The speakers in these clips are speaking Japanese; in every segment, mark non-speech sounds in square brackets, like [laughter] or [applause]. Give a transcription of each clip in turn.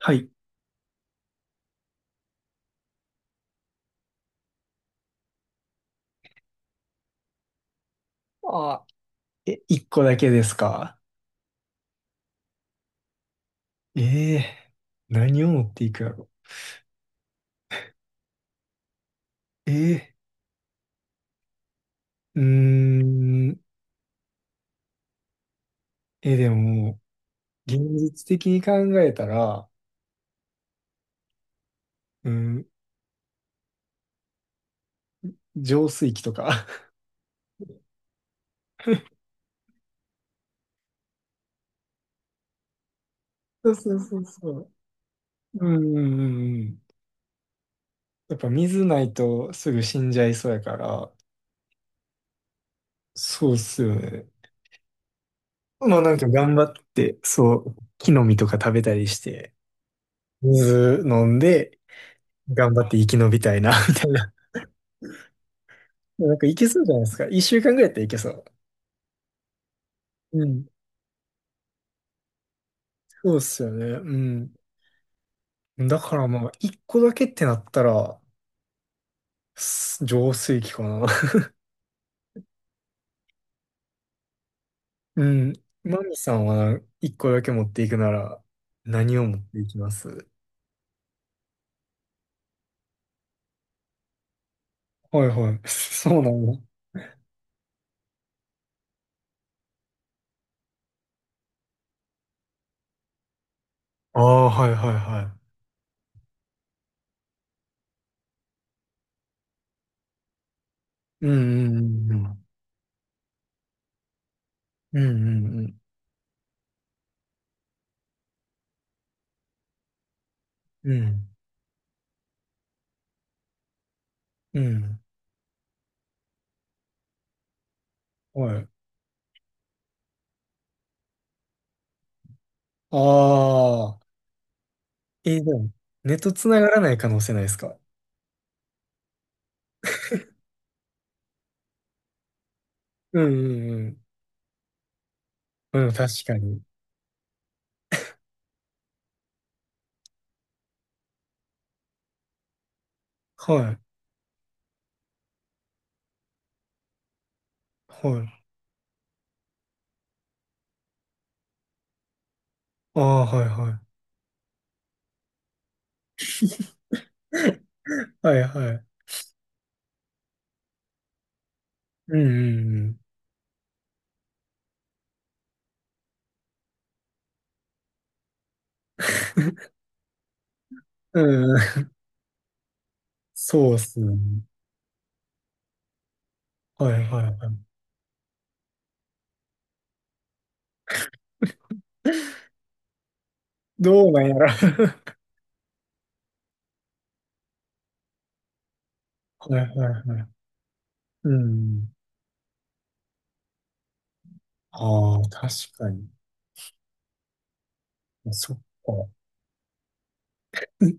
はい。ああ、え、一個だけですか？ええー、何を持っていくやろ。ええー、うーん、え、でも、現実的に考えたら、うん、浄水器とか。[laughs] そうそうそうそう。うんうんうんうん。やっぱ水ないとすぐ死んじゃいそうやから、そうっすよね。まあなんか頑張って、そう、木の実とか食べたりして、水飲んで、頑張って生き延びたいな、みたいな。なんかいけそうじゃないですか。1週間ぐらいやったらいけそう。うん。そうっすよね。うん。だからまあ、一個だけってなったら、浄水器かな。[laughs] うん。マミさんは一個だけ持っていくなら、何を持っていきます？はいはい。[laughs] そうなんだ。ああ、はいはいはい。うんうんうんうん。うんうんうん。うん。はい。ああ。でも、ネット繋がらない可能性ないですか？うんうんうん。うん、確かに。はい。はい。ああ、はいはい。はいはい。うんうんうん。うん、そうっすね。はいはいはい。どうなんやろ。[laughs] はいはいはい。うん。ああ、確かに。そっか。うん、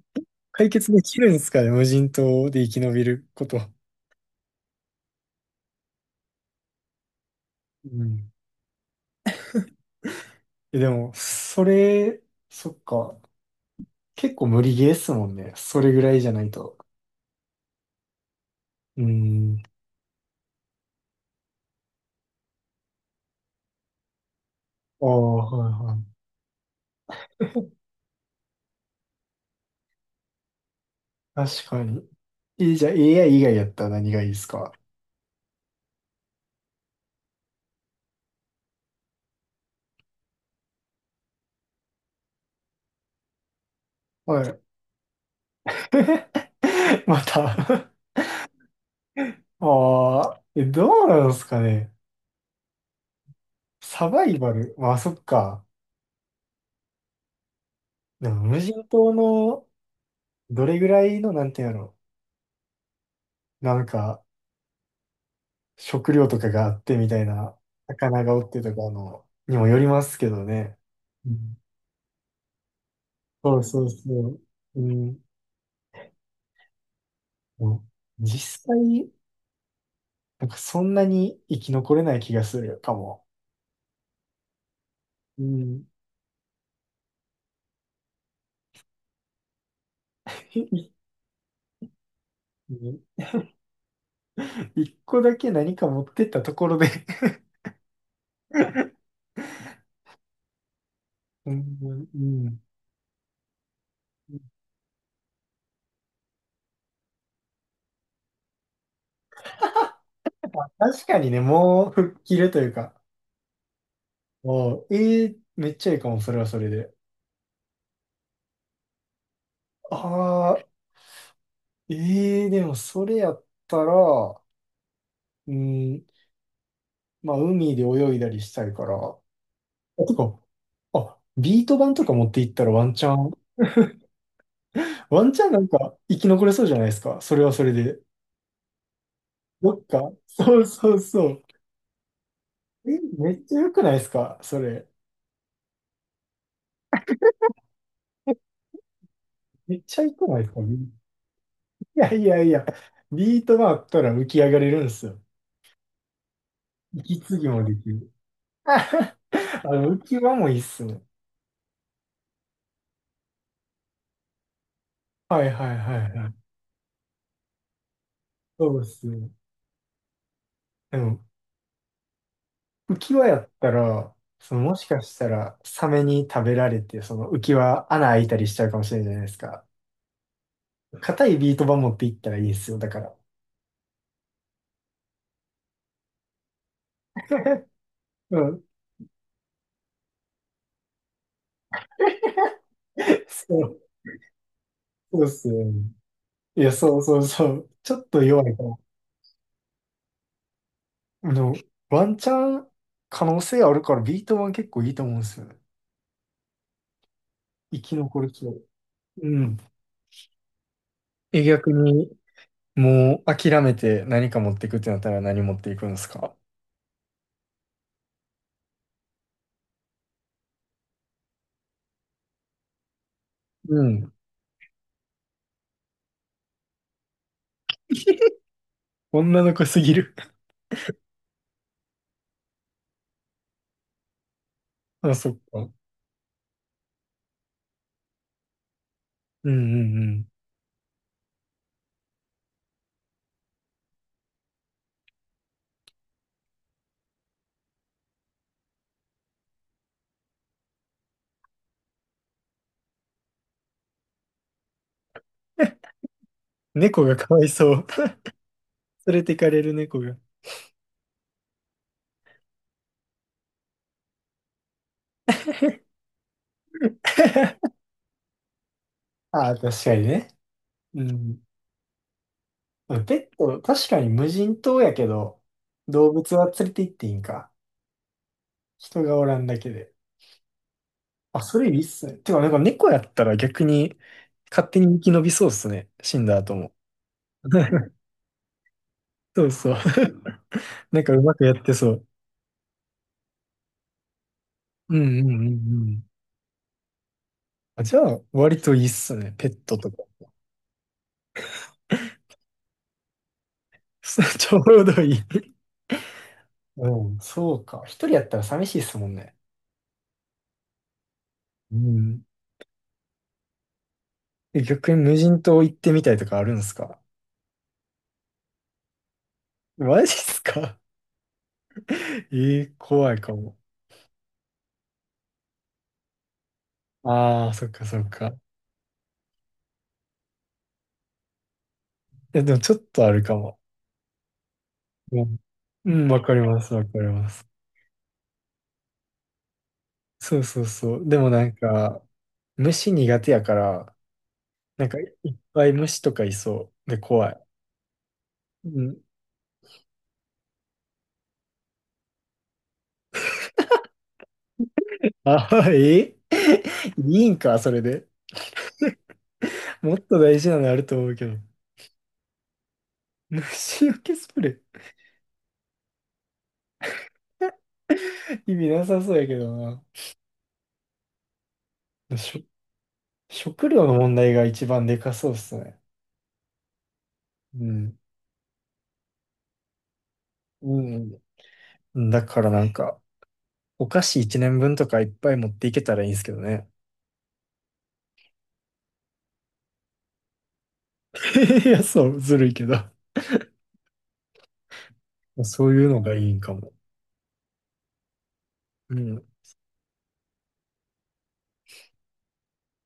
解決できるんですかね、無人島で生き延びること？うん。え、でも、それ、そっか。結構無理ゲーっすもんね。それぐらいじゃないと。うん。ああ、はいはい。確かに。え、じゃあ AI 以外やったら何がいいですか？はい。[laughs] また [laughs] ああ、え、どうなんですかね。サバイバル。まあ、そっか。でも、無人島のどれぐらいの、なんていうんやろ。なんか、食料とかがあってみたいな、魚がおってとかの、にもよりますけどね。うん、そうそうそう。うん、もう実際、なんかそんなに生き残れない気がするかも。うん。[laughs] 一個だけ何か持ってったところで。 [laughs] うん、うん。確かにね、もう吹っ切るというか、もう、ええめっちゃいいかも、それはそれで。ああ、ええでもそれやったら、うん、まあ、海で泳いだりしたいから。あ、てか、あ、ビート板とか持っていったらワンチャン、ワンチャンなんか生き残れそうじゃないですか、それはそれで。どっか、そうそうそう。え、めっちゃ良くないですか、それ。めっちゃ良くないですか、いやいやいや、ビートがあったら浮き上がれるんですよ。息継ぎもできる。[laughs] あ浮き輪もいいっすね。はいはいはいはい。そうっすね。でも、浮き輪やったら、もしかしたら、サメに食べられて、その浮き輪穴開いたりしちゃうかもしれないじゃないですか。硬いビート板持っていったらいいですよ、だから。[laughs] うん。そう、そうっすよね。いや、そうそうそう。ちょっと弱いから。あの、ワンチャン可能性あるから、ビート板結構いいと思うんですよね。生き残る気を。うん。え、逆に、もう諦めて何か持っていくってなったら何持っていくんですか？うん。[laughs] 女の子すぎる。[laughs] あ、そっか。うんうんうん。猫がかわいそう。[laughs] 連れてかれる猫が。ああ、確かにね。うん。ペット、確かに無人島やけど、動物は連れて行っていいんか。人がおらんだけで。あ、それいいっすね。てか、なんか猫やったら逆に勝手に生き延びそうっすね。死んだ後も。[laughs] そうそう。なんかうまくやってそう。うんうんうんうん。あ、じゃあ、割といいっすね。ペットとか。[laughs] ちょうどいい。うん、そうか。一人やったら寂しいっすもんね。うん。え逆に無人島行ってみたいとかあるんですか？マジっすか？ [laughs] えー、怖いかも。ああ、そっかそっか。え、でもちょっとあるかも。うん、うんわかります、わかります。そうそうそう。でもなんか、虫苦手やから、なんかいっぱい虫とかいそう。で、怖い。うん、あ、[laughs] え、いいんか、それで？もっと大事なのあると思うけど。虫除けスプレー意味なさそうやけどな。しょ食料の問題が一番でかそうっすね。うん。うん。だからなんか、お菓子1年分とかいっぱい持っていけたらいいんですけどね。[laughs] いや、そう、ずるいけど。そういうのがいいんかも。うん。